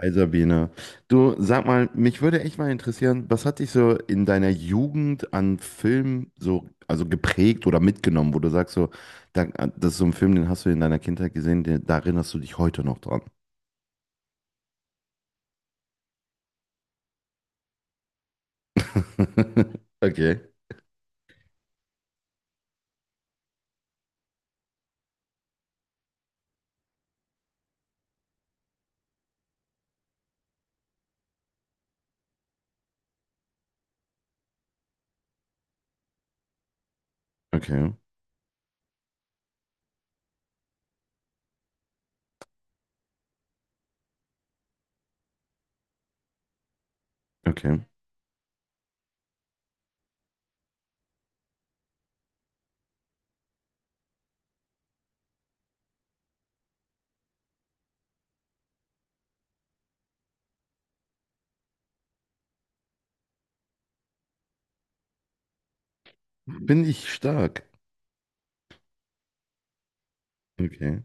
Hi Sabine, du sag mal, mich würde echt mal interessieren, was hat dich so in deiner Jugend an Film so geprägt oder mitgenommen, wo du sagst so, das ist so ein Film, den hast du in deiner Kindheit gesehen, da erinnerst du dich heute noch dran. Okay, okay, okay. Bin ich stark? Okay.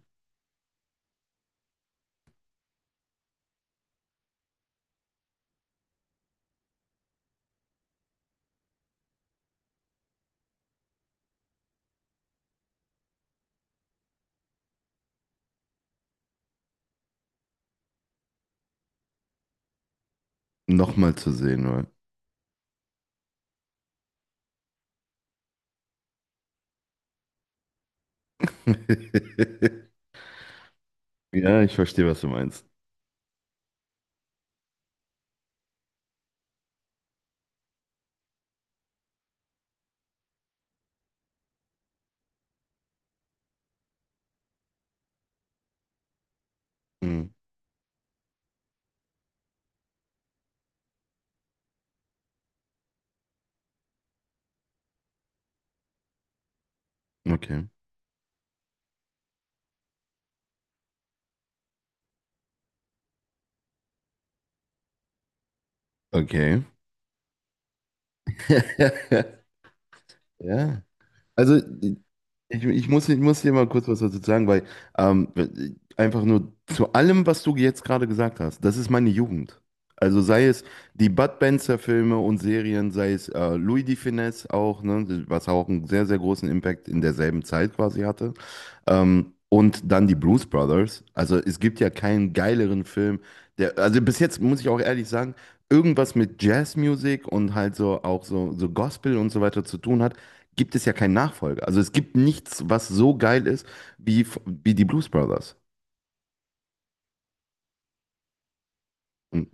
Nochmal zu sehen, oder? Ja, ich verstehe, was du meinst. Mhm. Okay, okay. Ja. Also, ich muss, ich muss dir mal kurz was dazu sagen, weil ähm, einfach nur zu allem, was du jetzt gerade gesagt hast, das ist meine Jugend. Also sei es die Bud Spencer-Filme und Serien, sei es Louis de Funès auch, ne, was auch einen sehr, sehr großen Impact in derselben Zeit quasi hatte. Und dann die Blues Brothers. Also es gibt ja keinen geileren Film, der, also bis jetzt muss ich auch ehrlich sagen, irgendwas mit Jazzmusik und halt so auch so, so Gospel und so weiter zu tun hat, gibt es ja keinen Nachfolger. Also es gibt nichts, was so geil ist wie, wie die Blues Brothers. Und-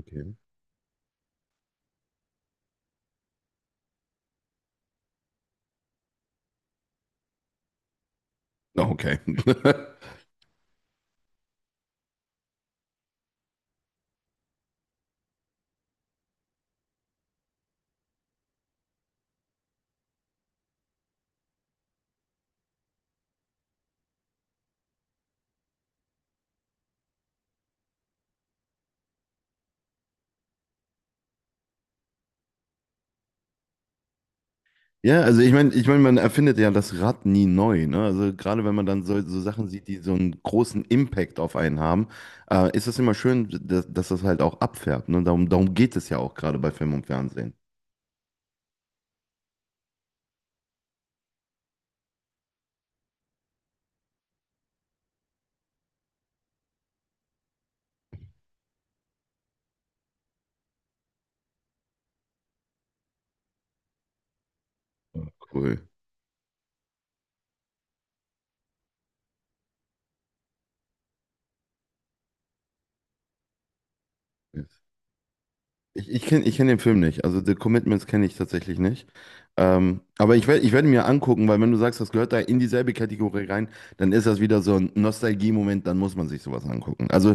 Okay. Oh, okay. Ja, also ich meine, man erfindet ja das Rad nie neu, ne? Also gerade wenn man dann so, so Sachen sieht, die so einen großen Impact auf einen haben, ist das immer schön, dass, dass das halt auch abfärbt, ne? Darum, darum geht es ja auch gerade bei Film und Fernsehen. Ja, cool. Ja. Ich kenne ich kenn den Film nicht, also The Commitments kenne ich tatsächlich nicht. Aber ich, ich werde mir angucken, weil wenn du sagst, das gehört da in dieselbe Kategorie rein, dann ist das wieder so ein Nostalgie-Moment, dann muss man sich sowas angucken. Also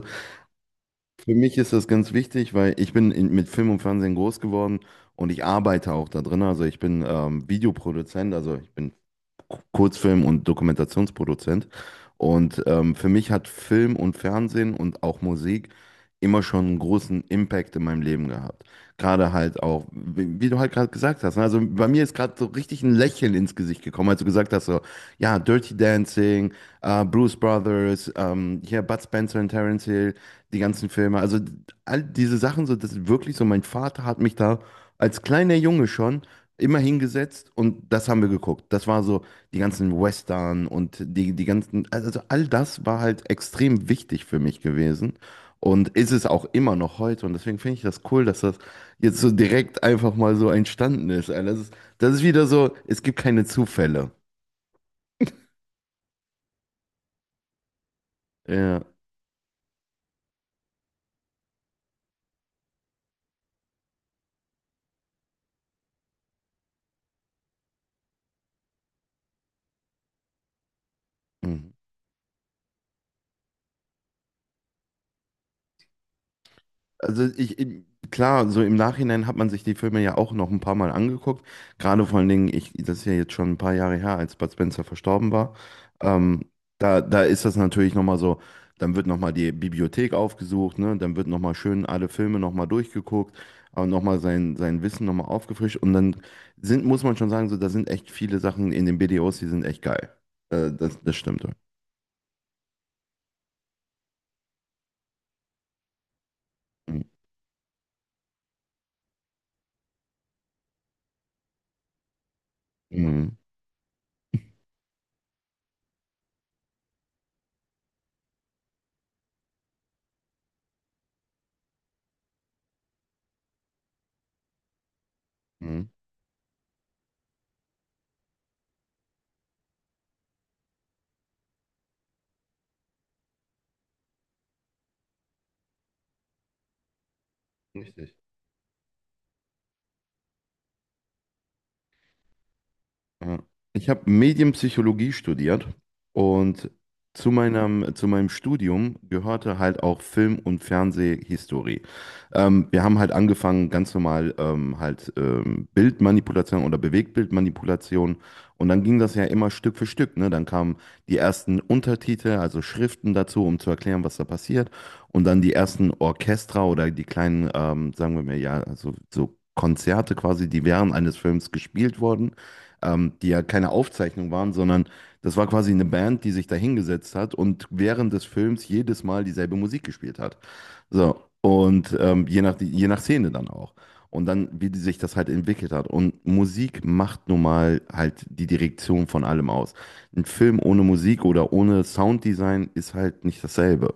für mich ist das ganz wichtig, weil ich bin in, mit Film und Fernsehen groß geworden und ich arbeite auch da drin. Also ich bin Videoproduzent, also ich bin Kurzfilm- und Dokumentationsproduzent. Und für mich hat Film und Fernsehen und auch Musik immer schon einen großen Impact in meinem Leben gehabt. Gerade halt auch, wie, wie du halt gerade gesagt hast, ne? Also bei mir ist gerade so richtig ein Lächeln ins Gesicht gekommen, als du gesagt hast, so, ja, Dirty Dancing, Blues Brothers, hier Bud Spencer und Terence Hill, die ganzen Filme. Also all diese Sachen, so, das ist wirklich so, mein Vater hat mich da als kleiner Junge schon immer hingesetzt und das haben wir geguckt. Das war so die ganzen Western und die, die ganzen, also all das war halt extrem wichtig für mich gewesen und ist es auch immer noch heute. Und deswegen finde ich das cool, dass das jetzt so direkt einfach mal so entstanden ist. Das ist, das ist wieder so, es gibt keine Zufälle. Ja. Mhm. Also ich- klar, so im Nachhinein hat man sich die Filme ja auch noch ein paar Mal angeguckt. Gerade vor allen Dingen, ich, das ist ja jetzt schon ein paar Jahre her, als Bud Spencer verstorben war. Ähm, da, da ist das natürlich nochmal so, dann wird nochmal die Bibliothek aufgesucht, ne? Dann wird nochmal schön alle Filme nochmal durchgeguckt, aber nochmal sein, sein Wissen nochmal aufgefrischt. Und dann sind, muss man schon sagen, so, da sind echt viele Sachen in den BDOs, die sind echt geil. Das, das stimmt. Mhm. Mhm. Mhm. Richtig. Ja. Ich habe Medienpsychologie studiert und zu meinem Studium gehörte halt auch Film- und Fernsehhistorie. Wir haben halt angefangen, ganz normal Bildmanipulation oder Bewegtbildmanipulation. Und dann ging das ja immer Stück für Stück, ne? Dann kamen die ersten Untertitel, also Schriften dazu, um zu erklären, was da passiert. Und dann die ersten Orchester oder die kleinen, sagen wir mal, ja, also so Konzerte quasi, die während eines Films gespielt wurden, die ja keine Aufzeichnung waren, sondern das war quasi eine Band, die sich da hingesetzt hat und während des Films jedes Mal dieselbe Musik gespielt hat. So, und je nach Szene dann auch. Und dann, wie die sich das halt entwickelt hat. Und Musik macht nun mal halt die Direktion von allem aus. Ein Film ohne Musik oder ohne Sounddesign ist halt nicht dasselbe.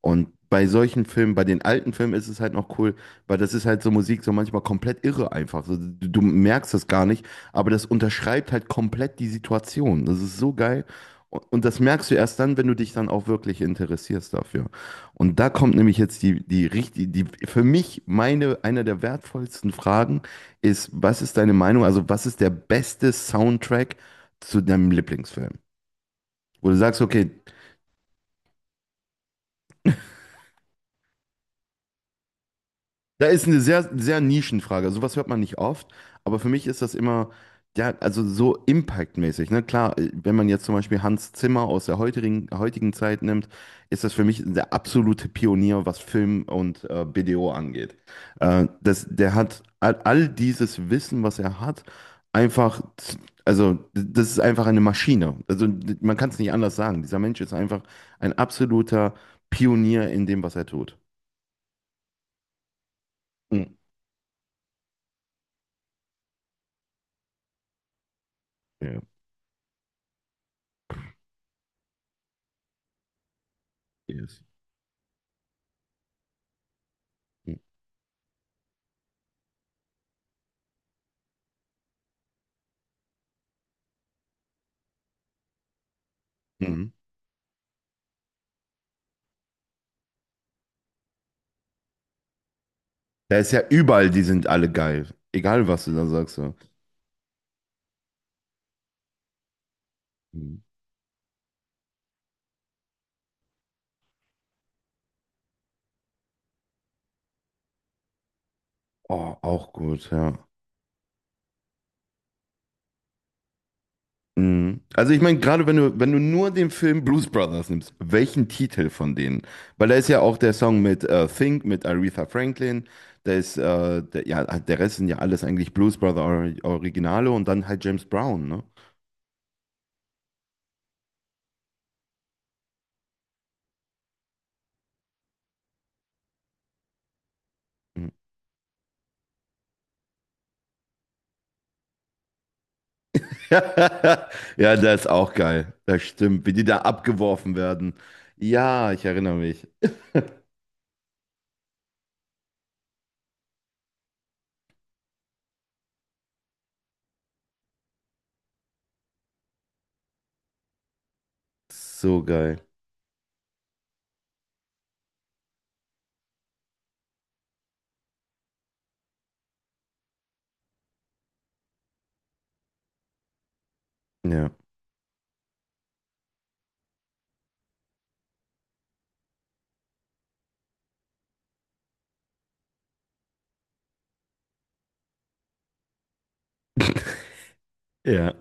Und bei solchen Filmen, bei den alten Filmen ist es halt noch cool, weil das ist halt so Musik, so manchmal komplett irre einfach. So, du merkst das gar nicht, aber das unterschreibt halt komplett die Situation. Das ist so geil. Und das merkst du erst dann, wenn du dich dann auch wirklich interessierst dafür. Und da kommt nämlich jetzt die, die richtig, die, für mich meine, einer der wertvollsten Fragen ist, was ist deine Meinung? Also, was ist der beste Soundtrack zu deinem Lieblingsfilm? Wo du sagst, okay, da ist eine sehr, sehr Nischenfrage. Sowas hört man nicht oft, aber für mich ist das immer, ja, also so impactmäßig. Ne? Klar, wenn man jetzt zum Beispiel Hans Zimmer aus der heutigen, heutigen Zeit nimmt, ist das für mich der absolute Pionier, was Film und B D O angeht. Das, der hat all, all dieses Wissen, was er hat, einfach, also das ist einfach eine Maschine. Also man kann es nicht anders sagen. Dieser Mensch ist einfach ein absoluter Pionier in dem, was er tut. Mm. Ja, yes. Mhm. Da ist ja überall, die sind alle geil. Egal, was du da sagst. So. Mhm. Oh, auch gut, ja. Mhm. Also ich meine, gerade wenn du, wenn du nur den Film Blues Brothers nimmst, welchen Titel von denen? Weil da ist ja auch der Song mit Think, mit Aretha Franklin, da ist, der, ja, der Rest sind ja alles eigentlich Blues Brother Or Originale und dann halt James Brown, ne? Mhm. Ja, der ist auch geil. Das stimmt, wie die da abgeworfen werden. Ja, ich erinnere mich. So geil. Ja. Ja.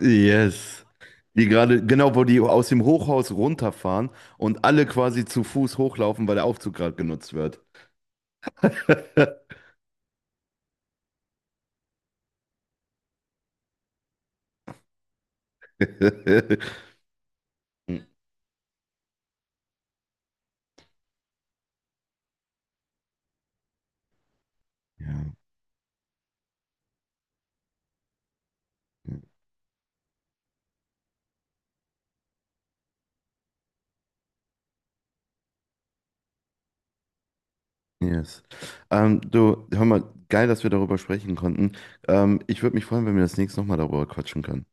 Yes. Die gerade, genau, wo die aus dem Hochhaus runterfahren und alle quasi zu Fuß hochlaufen, weil der Aufzug gerade genutzt wird. Ja. Yes. Du, hör mal, geil, dass wir darüber sprechen konnten. Ich würde mich freuen, wenn wir das nächste Mal darüber quatschen können.